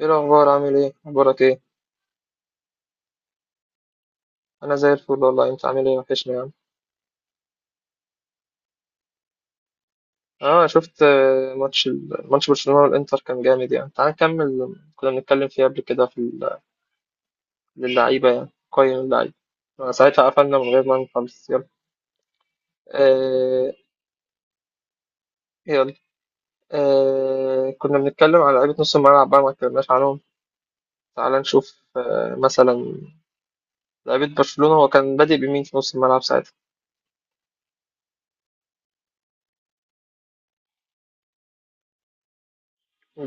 إيه الأخبار عامل إيه؟ أخبارك إيه؟ أنا زي الفل والله أنت عامل إيه وحشني يعني آه شفت ماتش ماتش برشلونة والإنتر كان جامد يعني تعال نكمل كنا بنتكلم فيه قبل كده في للعيبة يعني قيم اللعيبة ساعتها قفلنا من غير ما نخلص يلا آه يلا آه كنا بنتكلم على لعيبة نص الملعب بقى ما اتكلمناش عنهم تعال نشوف آه مثلا لعيبة برشلونة هو كان بادئ بمين في نص الملعب ساعتها؟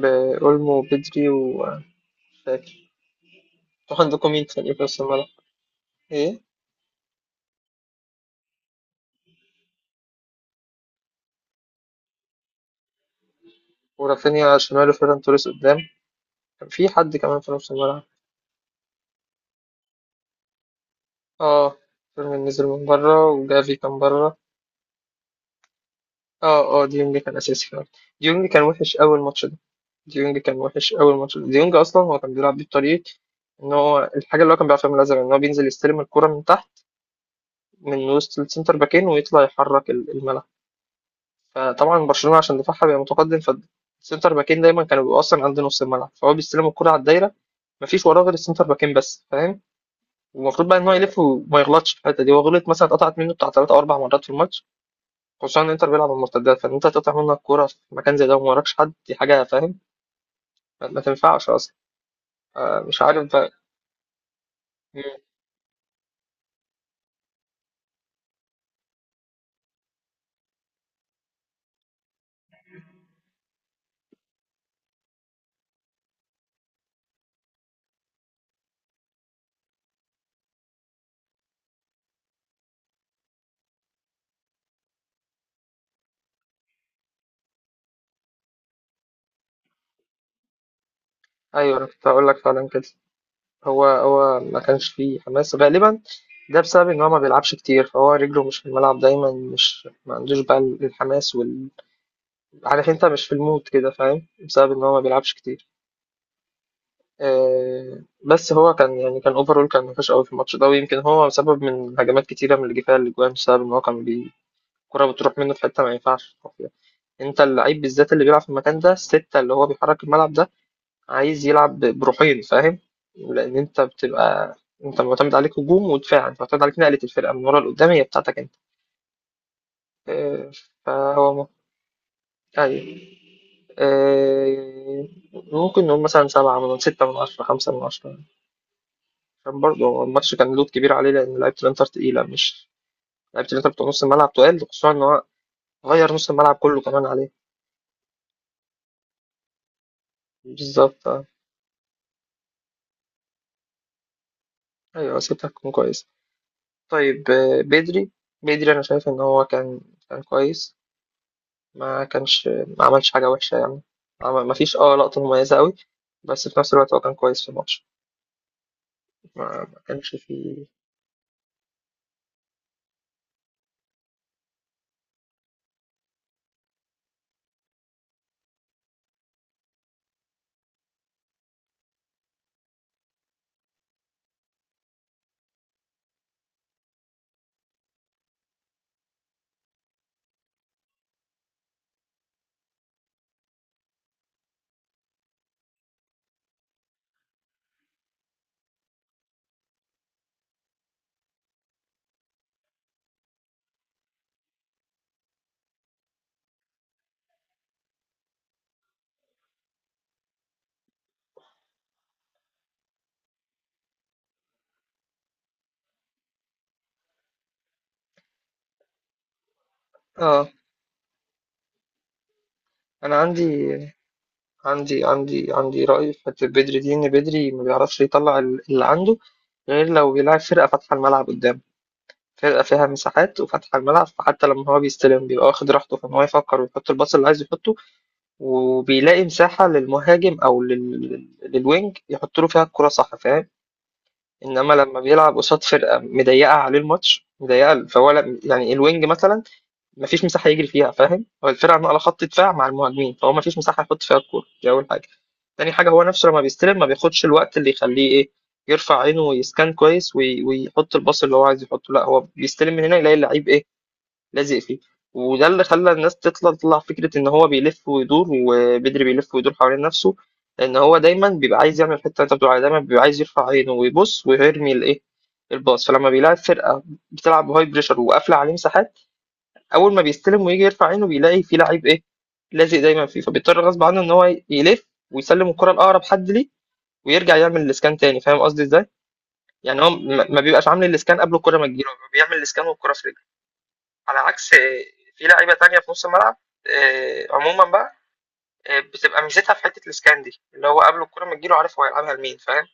بأولمو وبدري ومش فاكر أنتوا عندكم مين تاني في نص الملعب؟ إيه؟ ورافينيا شماله فيران توريس قدام كان في حد كمان في نص الملعب اه فيرمين نزل من بره وجافي كان بره اه اه ديونج كان اساسي فعلا ديونج كان وحش اول ماتش ده ديونج اصلا هو كان بيلعب بيه بطريقه ان هو الحاجه اللي هو كان بيعرفها من الازرق ان هو بينزل يستلم الكره من تحت من وسط السنتر باكين ويطلع يحرك الملعب. فطبعا برشلونه عشان دفاعها بيبقى متقدم فالسنتر باكين دايما كانوا بيبقوا اصلا عند نص الملعب فهو بيستلم الكره على الدايره، مفيش وراه غير السنتر باكين بس فاهم. والمفروض بقى ان هو يلف وما يغلطش في الحته دي، هو غلط مثلا اتقطعت منه بتاع ثلاث او اربع مرات في الماتش، خصوصا ان انتر بيلعب على المرتدات فان انت تقطع منك كوره في مكان زي ده وما وراكش حد، دي حاجه فاهم ما تنفعش اصلا. مش عارف بقى. مم. ايوه انا كنت هقول لك فعلا كده، هو ما كانش فيه حماس غالبا، ده بسبب ان هو ما بيلعبش كتير فهو رجله مش في الملعب دايما، مش ما عندوش بقى الحماس وال عارف انت مش في المود كده فاهم، بسبب ان هو ما بيلعبش كتير. بس هو كان يعني كان اوفرول كان وحش قوي في الماتش ده، ويمكن هو سبب من هجمات كتيره من اللي جه فيها الاجوان بسبب ان هو كان الكره بتروح منه في حته ما ينفعش يروح فيها. انت اللعيب بالذات اللي بيلعب في المكان ده، السته اللي هو بيحرك الملعب ده، عايز يلعب بروحين فاهم، لان انت بتبقى انت معتمد عليك هجوم ودفاع، انت معتمد عليك نقله الفرقه من ورا لقدام، هي بتاعتك انت. آه، فهو م- ايوه. آه، ممكن نقول مثلا سبعة من 6/10، 5/10، كان برضه هو الماتش كان لود كبير عليه لأن لعيبة الإنتر تقيلة مش لعيبة الإنتر بتوع نص الملعب تقال، خصوصا إن هو غير نص الملعب كله كمان عليه بالظبط. آه. أيوة سيبتها تكون كويس. طيب بدري، بدري أنا شايف إن هو كان كان كويس، ما كانش ما عملش حاجة وحشة يعني، ما فيش اه لقطة مميزة أوي، بس في نفس الوقت هو كان كويس في الماتش، ما ما كانش فيه اه أنا عندي رأي في بدري، دين بدري ما بيعرفش يطلع اللي عنده غير لو بيلعب فرقة فاتحة الملعب قدام، فرقة فيها مساحات وفاتحة الملعب، فحتى لما هو بيستلم بيبقى واخد راحته في إن هو يفكر ويحط الباص اللي عايز يحطه، وبيلاقي مساحة للمهاجم أو للوينج يحط له فيها الكرة، صح فاهم. إنما لما بيلعب قصاد فرقة مضيقة عليه الماتش مضيقة فهو يعني الوينج مثلا مفيش مساحه يجري فيها فاهم، هو الفرقه على خط دفاع مع المهاجمين فهو مفيش مساحه يحط فيها الكوره، دي اول حاجه. تاني حاجه هو نفسه لما بيستلم ما بياخدش الوقت اللي يخليه ايه يرفع عينه ويسكان كويس ويحط الباص اللي هو عايز يحطه، لا هو بيستلم من هنا يلاقي اللعيب ايه لازق فيه، وده اللي خلى الناس تطلع فكره ان هو بيلف ويدور، وبدري بيلف ويدور حوالين نفسه، ان هو دايما بيبقى عايز يعمل الحته اللي انت بتقول عليها، دايما بيبقى عايز يرفع عينه ويبص ويرمي الايه الباص. فلما بيلاعب فرقه بتلعب بهاي بريشر وقافله عليه مساحات، اول ما بيستلم ويجي يرفع عينه بيلاقي في لعيب ايه لازق دايما فيه، فبيضطر غصب عنه ان هو يلف ويسلم الكره لاقرب حد ليه، ويرجع يعمل الاسكان تاني، فاهم قصدي ازاي. يعني هو ما بيبقاش عامل الاسكان قبل الكره ما تجيله، هو بيعمل الاسكان والكره في رجله، على عكس في لعيبه تانية في نص الملعب. عموما بقى بتبقى ميزتها في حته الاسكان دي، اللي هو قبل الكره ما تجيله عارف هو هيلعبها لمين فاهم.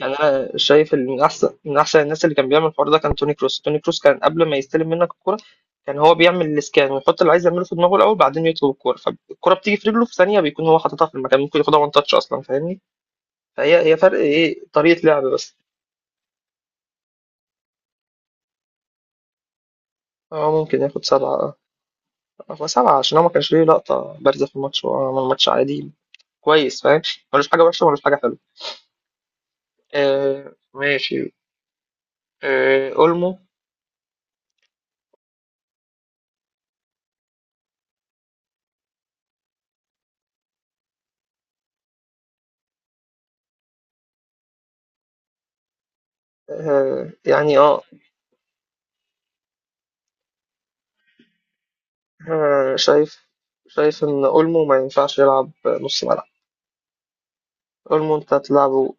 يعني انا شايف ان من احسن الناس اللي كان بيعمل الحوار ده كان توني كروس، توني كروس كان قبل ما يستلم منك الكرة كان هو بيعمل الاسكان ويحط اللي عايز يعمله في دماغه الاول، بعدين يطلب الكرة، فالكرة بتيجي في رجله في ثانية بيكون هو حاططها في المكان، ممكن ياخدها وان تاتش اصلا فاهمني. فهي فرق ايه طريقة لعب بس. هو ممكن ياخد 7. هو 7 عشان هو ما كانش ليه لقطة بارزة في الماتش، هو عمل ماتش عادي كويس فاهم، ملوش حاجة وحشة ملوش حاجة حلوة. آه ماشي. آه اولمو. آه يعني اه. شايف ان اولمو ما ينفعش يلعب نص ملعب، اولمو انت تلعبه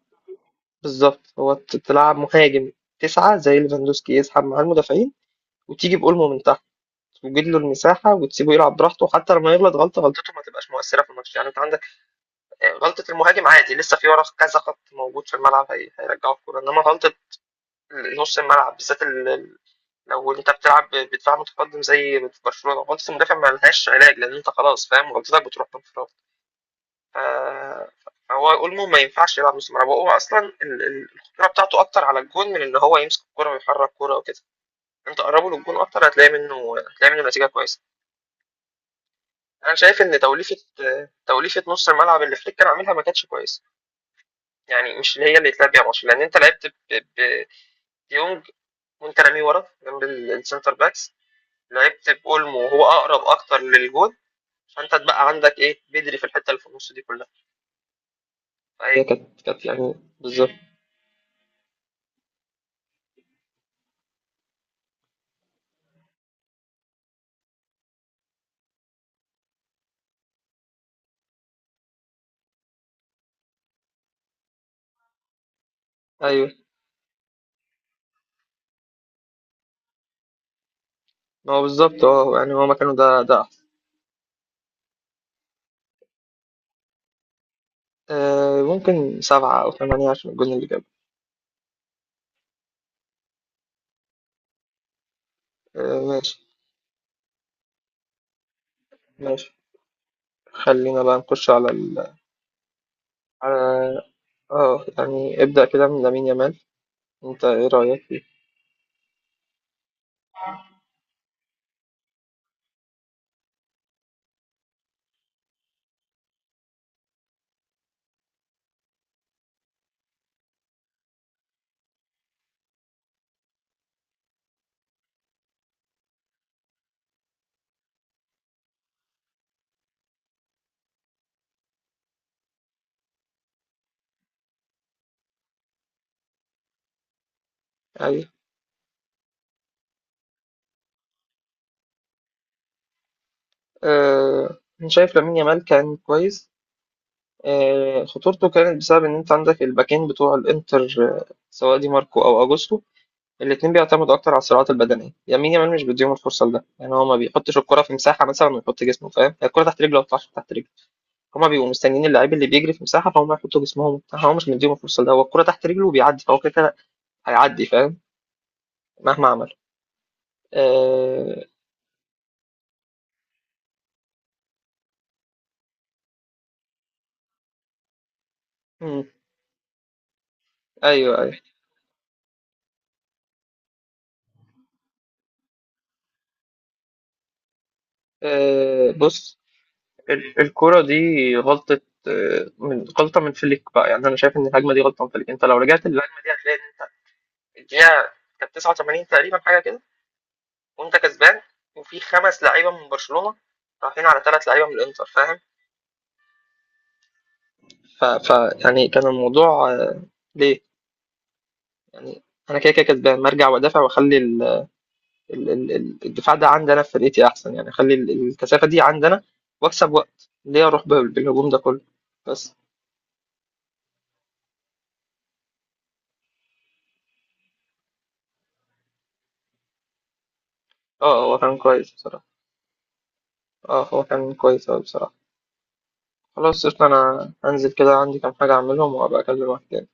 بالظبط، هو تلعب مهاجم 9 زي ليفاندوسكي يسحب مع المدافعين، وتيجي بأولمو من تحت وتجيب له المساحة وتسيبه يلعب براحته، حتى لما يغلط غلطة غلطته ما تبقاش مؤثرة في الماتش، يعني انت عندك غلطة المهاجم عادي لسه في ورا كذا خط موجود في الملعب هيرجعوا الكورة، انما غلطة نص الملعب بالذات لو انت بتلعب بدفاع متقدم زي في برشلونة غلطة المدافع ما لهاش علاج، لان انت خلاص فاهم غلطتك بتروح بانفراد. آه، هو اولمو ما ينفعش يلعب نص ملعب، هو اصلا الخطوره بتاعته اكتر على الجون من ان هو يمسك الكوره ويحرك الكوره وكده، انت قربه للجون اكتر هتلاقي منه نتيجه كويسه. انا شايف ان توليفه توليفه نص الملعب اللي فليك كان عاملها ما كانتش كويسه، يعني مش اللي هي اللي اتلعب بيها ماتش، لان انت لعبت بديونج وانت راميه ورا جنب السنتر باكس، لعبت باولمو وهو اقرب اكتر للجون، فانت اتبقى عندك ايه بدري في الحته اللي في النص دي كلها، فهي كانت يعني بالظبط. ايوه هو بالظبط اه يعني هو مكانه ده ده أحسن. آه ممكن 7 أو 8 عشان الجون اللي جابه. آه ماشي. ماشي خلينا بقى نخش على ال على اه، يعني ابدأ كده من لامين يامال، انت ايه رأيك فيه؟ أيوة. آه أنا شايف لامين يامال كان كويس. خطورته كانت بسبب إن أنت عندك الباكين بتوع الإنتر سواء دي ماركو أو أجوستو، الاتنين بيعتمدوا أكتر على الصراعات البدنية، لامين يامال مش بيديهم الفرصة لده، يعني هو ما بيحطش الكرة في مساحة مثلا ويحط جسمه فاهم، الكرة تحت رجله ما بتطلعش تحت رجله، هما بيبقوا مستنيين اللعيب اللي بيجري في مساحة فهم يحطوا جسمهم وبتاع، هو مش مديهم الفرصة ده، هو الكرة تحت رجله وبيعدي، فهو كده كده هيعدي فاهم مهما عمل. آه... مم. ايوه ايوه. بص، الكرة دي غلطة آه، من غلطة من فليك بقى، يعني أنا شايف إن الهجمة دي غلطة من فليك، أنت لو رجعت للهجمة دي هتلاقي إن أنت الدقيقة كانت 89 تقريبا حاجة كده، وأنت كسبان وفي 5 لعيبة من برشلونة رايحين على 3 لعيبة من الإنتر فاهم، ف... ف يعني كان الموضوع ليه، يعني انا كده كده كسبان مرجع وادافع واخلي الدفاع ده عندي انا في فرقتي احسن، يعني اخلي الكثافه دي عندي انا واكسب وقت، ليه اروح بالهجوم ده كله بس. اه هو كان كويس بصراحه، اه هو كان كويس اوي بصراحه. خلاص قشطة، انا هنزل كده عندي كام حاجه اعملهم وابقى اكلمك تاني.